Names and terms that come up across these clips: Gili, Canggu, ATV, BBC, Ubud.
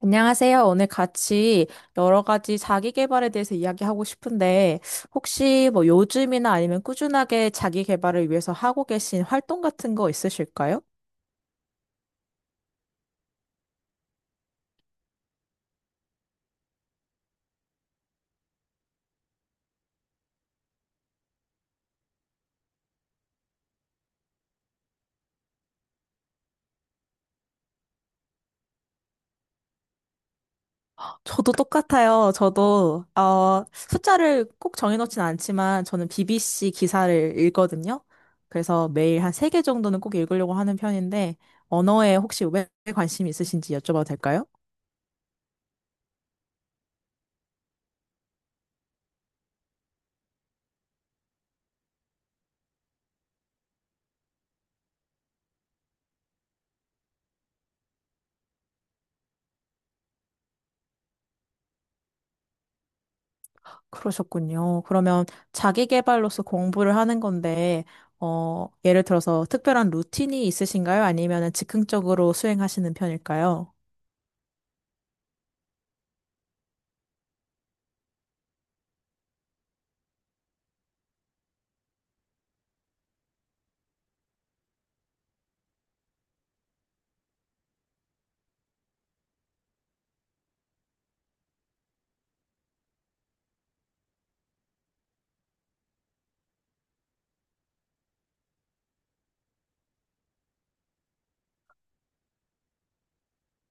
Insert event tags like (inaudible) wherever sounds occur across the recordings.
안녕하세요. 오늘 같이 여러 가지 자기 개발에 대해서 이야기하고 싶은데, 혹시 뭐 요즘이나 아니면 꾸준하게 자기 개발을 위해서 하고 계신 활동 같은 거 있으실까요? 저도 똑같아요. 저도, 숫자를 꼭 정해놓진 않지만, 저는 BBC 기사를 읽거든요. 그래서 매일 한 세 개 정도는 꼭 읽으려고 하는 편인데, 언어에 혹시 왜 관심 있으신지 여쭤봐도 될까요? 그러셨군요. 그러면 자기 개발로서 공부를 하는 건데, 예를 들어서 특별한 루틴이 있으신가요? 아니면 즉흥적으로 수행하시는 편일까요?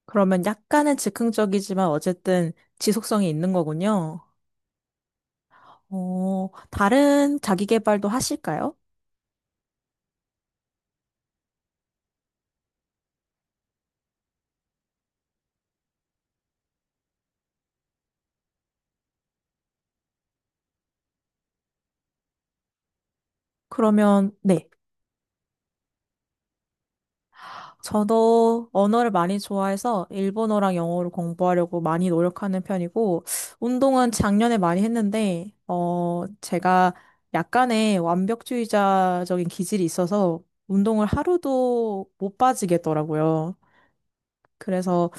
그러면 약간은 즉흥적이지만 어쨌든 지속성이 있는 거군요. 어, 다른 자기 개발도 하실까요? 그러면, 네. 저도 언어를 많이 좋아해서 일본어랑 영어를 공부하려고 많이 노력하는 편이고, 운동은 작년에 많이 했는데, 제가 약간의 완벽주의자적인 기질이 있어서 운동을 하루도 못 빠지겠더라고요. 그래서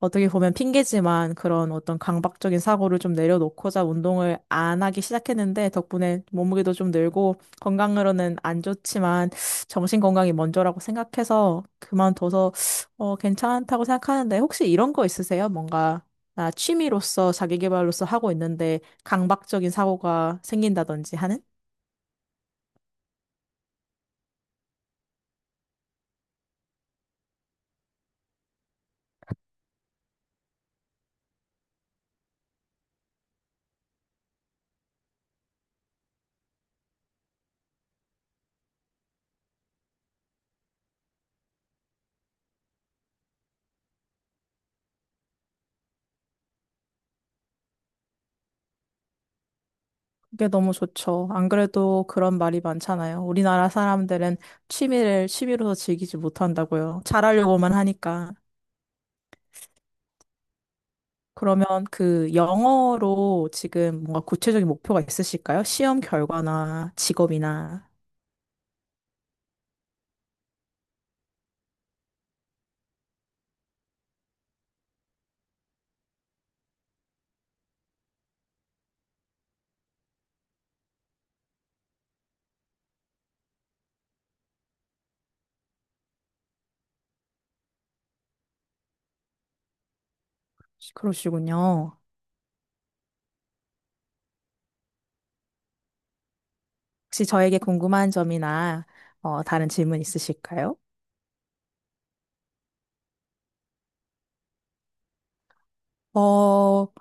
어떻게 보면 핑계지만 그런 어떤 강박적인 사고를 좀 내려놓고자 운동을 안 하기 시작했는데 덕분에 몸무게도 좀 늘고 건강으로는 안 좋지만 정신 건강이 먼저라고 생각해서 그만둬서 괜찮다고 생각하는데 혹시 이런 거 있으세요? 뭔가 나 취미로서 자기 개발로서 하고 있는데 강박적인 사고가 생긴다든지 하는? 그게 너무 좋죠. 안 그래도 그런 말이 많잖아요. 우리나라 사람들은 취미를 취미로서 즐기지 못한다고요. 잘하려고만 하니까. 그러면 그 영어로 지금 뭔가 구체적인 목표가 있으실까요? 시험 결과나 직업이나. 그러시군요. 혹시 저에게 궁금한 점이나 다른 질문 있으실까요? 어,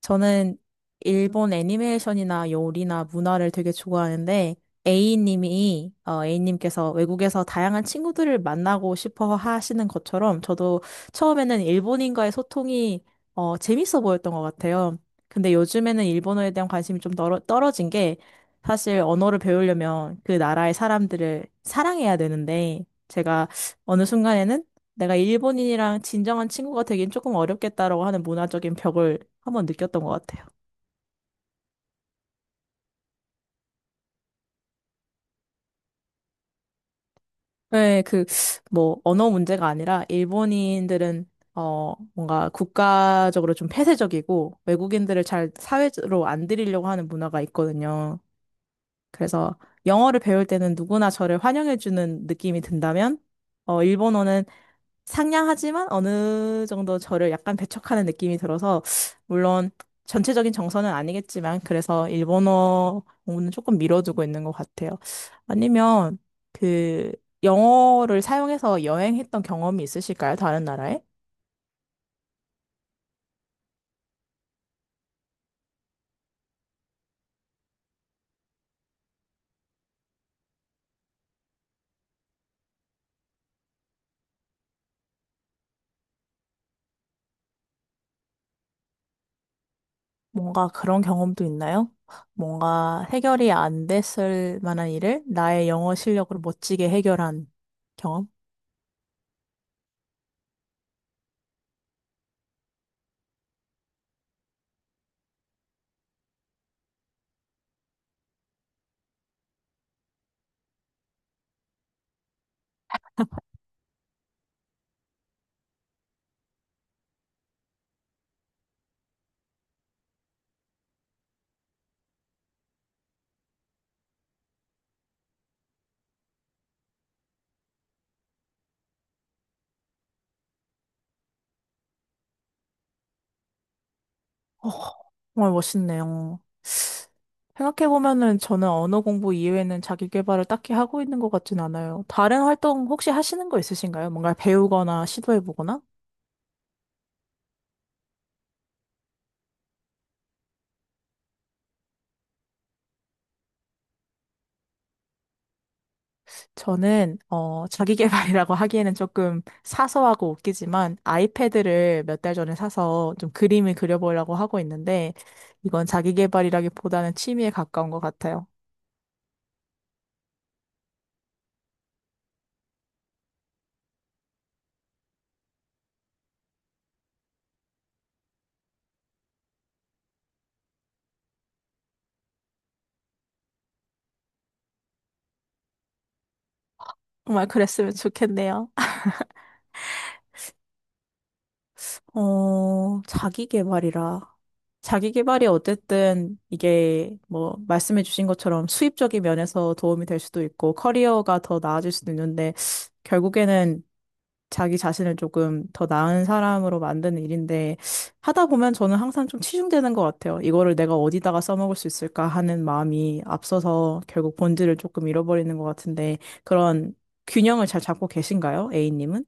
저는 일본 애니메이션이나 요리나 문화를 되게 좋아하는데, A님이, A님께서 외국에서 다양한 친구들을 만나고 싶어 하시는 것처럼, 저도 처음에는 일본인과의 소통이, 재밌어 보였던 것 같아요. 근데 요즘에는 일본어에 대한 관심이 떨어진 게, 사실 언어를 배우려면 그 나라의 사람들을 사랑해야 되는데, 제가 어느 순간에는 내가 일본인이랑 진정한 친구가 되긴 조금 어렵겠다라고 하는 문화적인 벽을 한번 느꼈던 것 같아요. 네, 그, 뭐, 언어 문제가 아니라, 일본인들은, 뭔가 국가적으로 좀 폐쇄적이고, 외국인들을 잘 사회로 안 들이려고 하는 문화가 있거든요. 그래서, 영어를 배울 때는 누구나 저를 환영해주는 느낌이 든다면, 일본어는 상냥하지만 어느 정도 저를 약간 배척하는 느낌이 들어서, 물론 전체적인 정서는 아니겠지만, 그래서 일본어 공부는 조금 미뤄두고 있는 것 같아요. 아니면, 그, 영어를 사용해서 여행했던 경험이 있으실까요? 다른 나라에? 뭔가 그런 경험도 있나요? 뭔가 해결이 안 됐을 만한 일을 나의 영어 실력으로 멋지게 해결한 경험? 어, 정말 멋있네요. 생각해보면은 저는 언어 공부 이외에는 자기 개발을 딱히 하고 있는 것 같진 않아요. 다른 활동 혹시 하시는 거 있으신가요? 뭔가 배우거나 시도해보거나? 저는, 자기 개발이라고 (laughs) 하기에는 조금 사소하고 웃기지만 아이패드를 몇 달 전에 사서 좀 그림을 그려보려고 하고 있는데 이건 자기 개발이라기보다는 취미에 가까운 것 같아요. 정말 그랬으면 좋겠네요. 어, 자기 개발이라. 자기 개발이 어쨌든 이게 뭐 말씀해 주신 것처럼 수입적인 면에서 도움이 될 수도 있고 커리어가 더 나아질 수도 있는데 결국에는 자기 자신을 조금 더 나은 사람으로 만드는 일인데 하다 보면 저는 항상 좀 치중되는 것 같아요. 이거를 내가 어디다가 써먹을 수 있을까 하는 마음이 앞서서 결국 본질을 조금 잃어버리는 것 같은데 그런 균형을 잘 잡고 계신가요? A님은?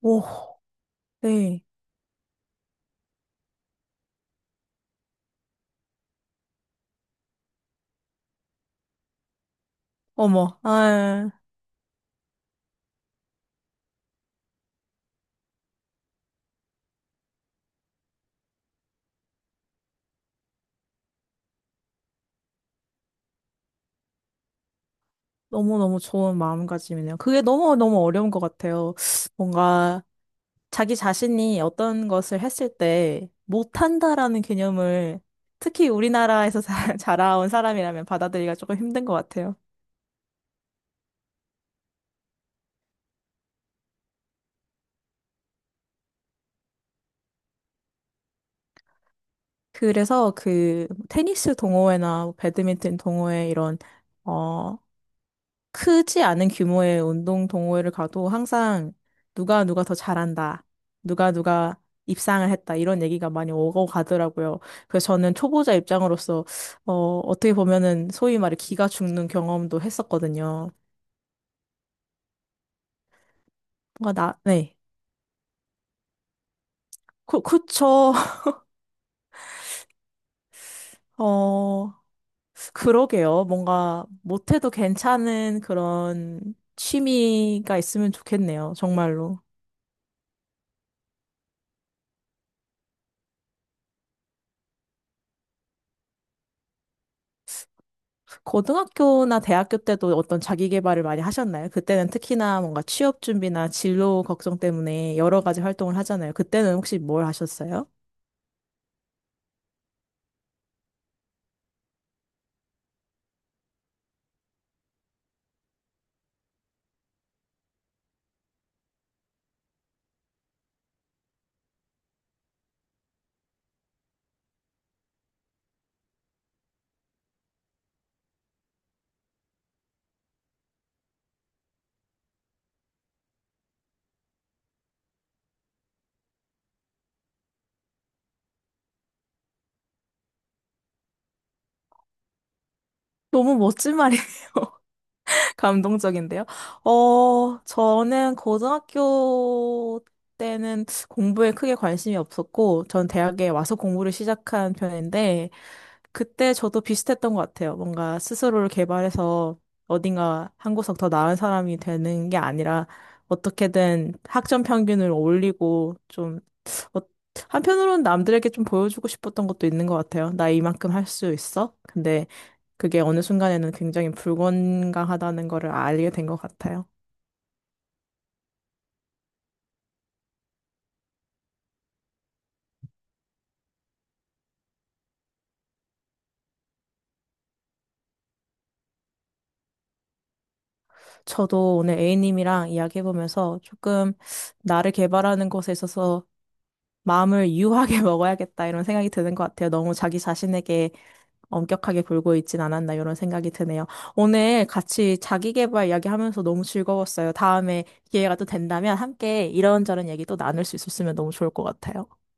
오, 네. 어머, 아, 너무너무 좋은 마음가짐이네요. 그게 너무너무 어려운 것 같아요. 뭔가 자기 자신이 어떤 것을 했을 때 못한다라는 개념을 특히 우리나라에서 (laughs) 자라온 사람이라면 받아들이기가 조금 힘든 것 같아요. 그래서 그 테니스 동호회나 배드민턴 동호회 이런 어, 크지 않은 규모의 운동 동호회를 가도 항상 누가 누가 더 잘한다. 누가 누가 입상을 했다. 이런 얘기가 많이 오고 가더라고요. 그래서 저는 초보자 입장으로서, 어, 어떻게 보면은 소위 말해 기가 죽는 경험도 했었거든요. 뭔가 나, 네. 그, 그쵸. (laughs) 어, 그러게요. 뭔가 못해도 괜찮은 그런 취미가 있으면 좋겠네요. 정말로. 고등학교나 대학교 때도 어떤 자기 개발을 많이 하셨나요? 그때는 특히나 뭔가 취업 준비나 진로 걱정 때문에 여러 가지 활동을 하잖아요. 그때는 혹시 뭘 하셨어요? 너무 멋진 말이에요. (laughs) 감동적인데요. 어, 저는 고등학교 때는 공부에 크게 관심이 없었고, 전 대학에 와서 공부를 시작한 편인데, 그때 저도 비슷했던 것 같아요. 뭔가 스스로를 개발해서 어딘가 한 구석 더 나은 사람이 되는 게 아니라 어떻게든 학점 평균을 올리고 좀 어, 한편으로는 남들에게 좀 보여주고 싶었던 것도 있는 것 같아요. 나 이만큼 할 수 있어? 근데 그게 어느 순간에는 굉장히 불건강하다는 거를 알게 된 것 같아요. 저도 오늘 A님이랑 이야기해보면서 조금 나를 개발하는 것에 있어서 마음을 유하게 (laughs) 먹어야겠다 이런 생각이 드는 것 같아요. 너무 자기 자신에게 엄격하게 굴고 있진 않았나 이런 생각이 드네요. 오늘 같이 자기계발 이야기하면서 너무 즐거웠어요. 다음에 기회가 또 된다면 함께 이런저런 얘기 또 나눌 수 있었으면 너무 좋을 것 같아요.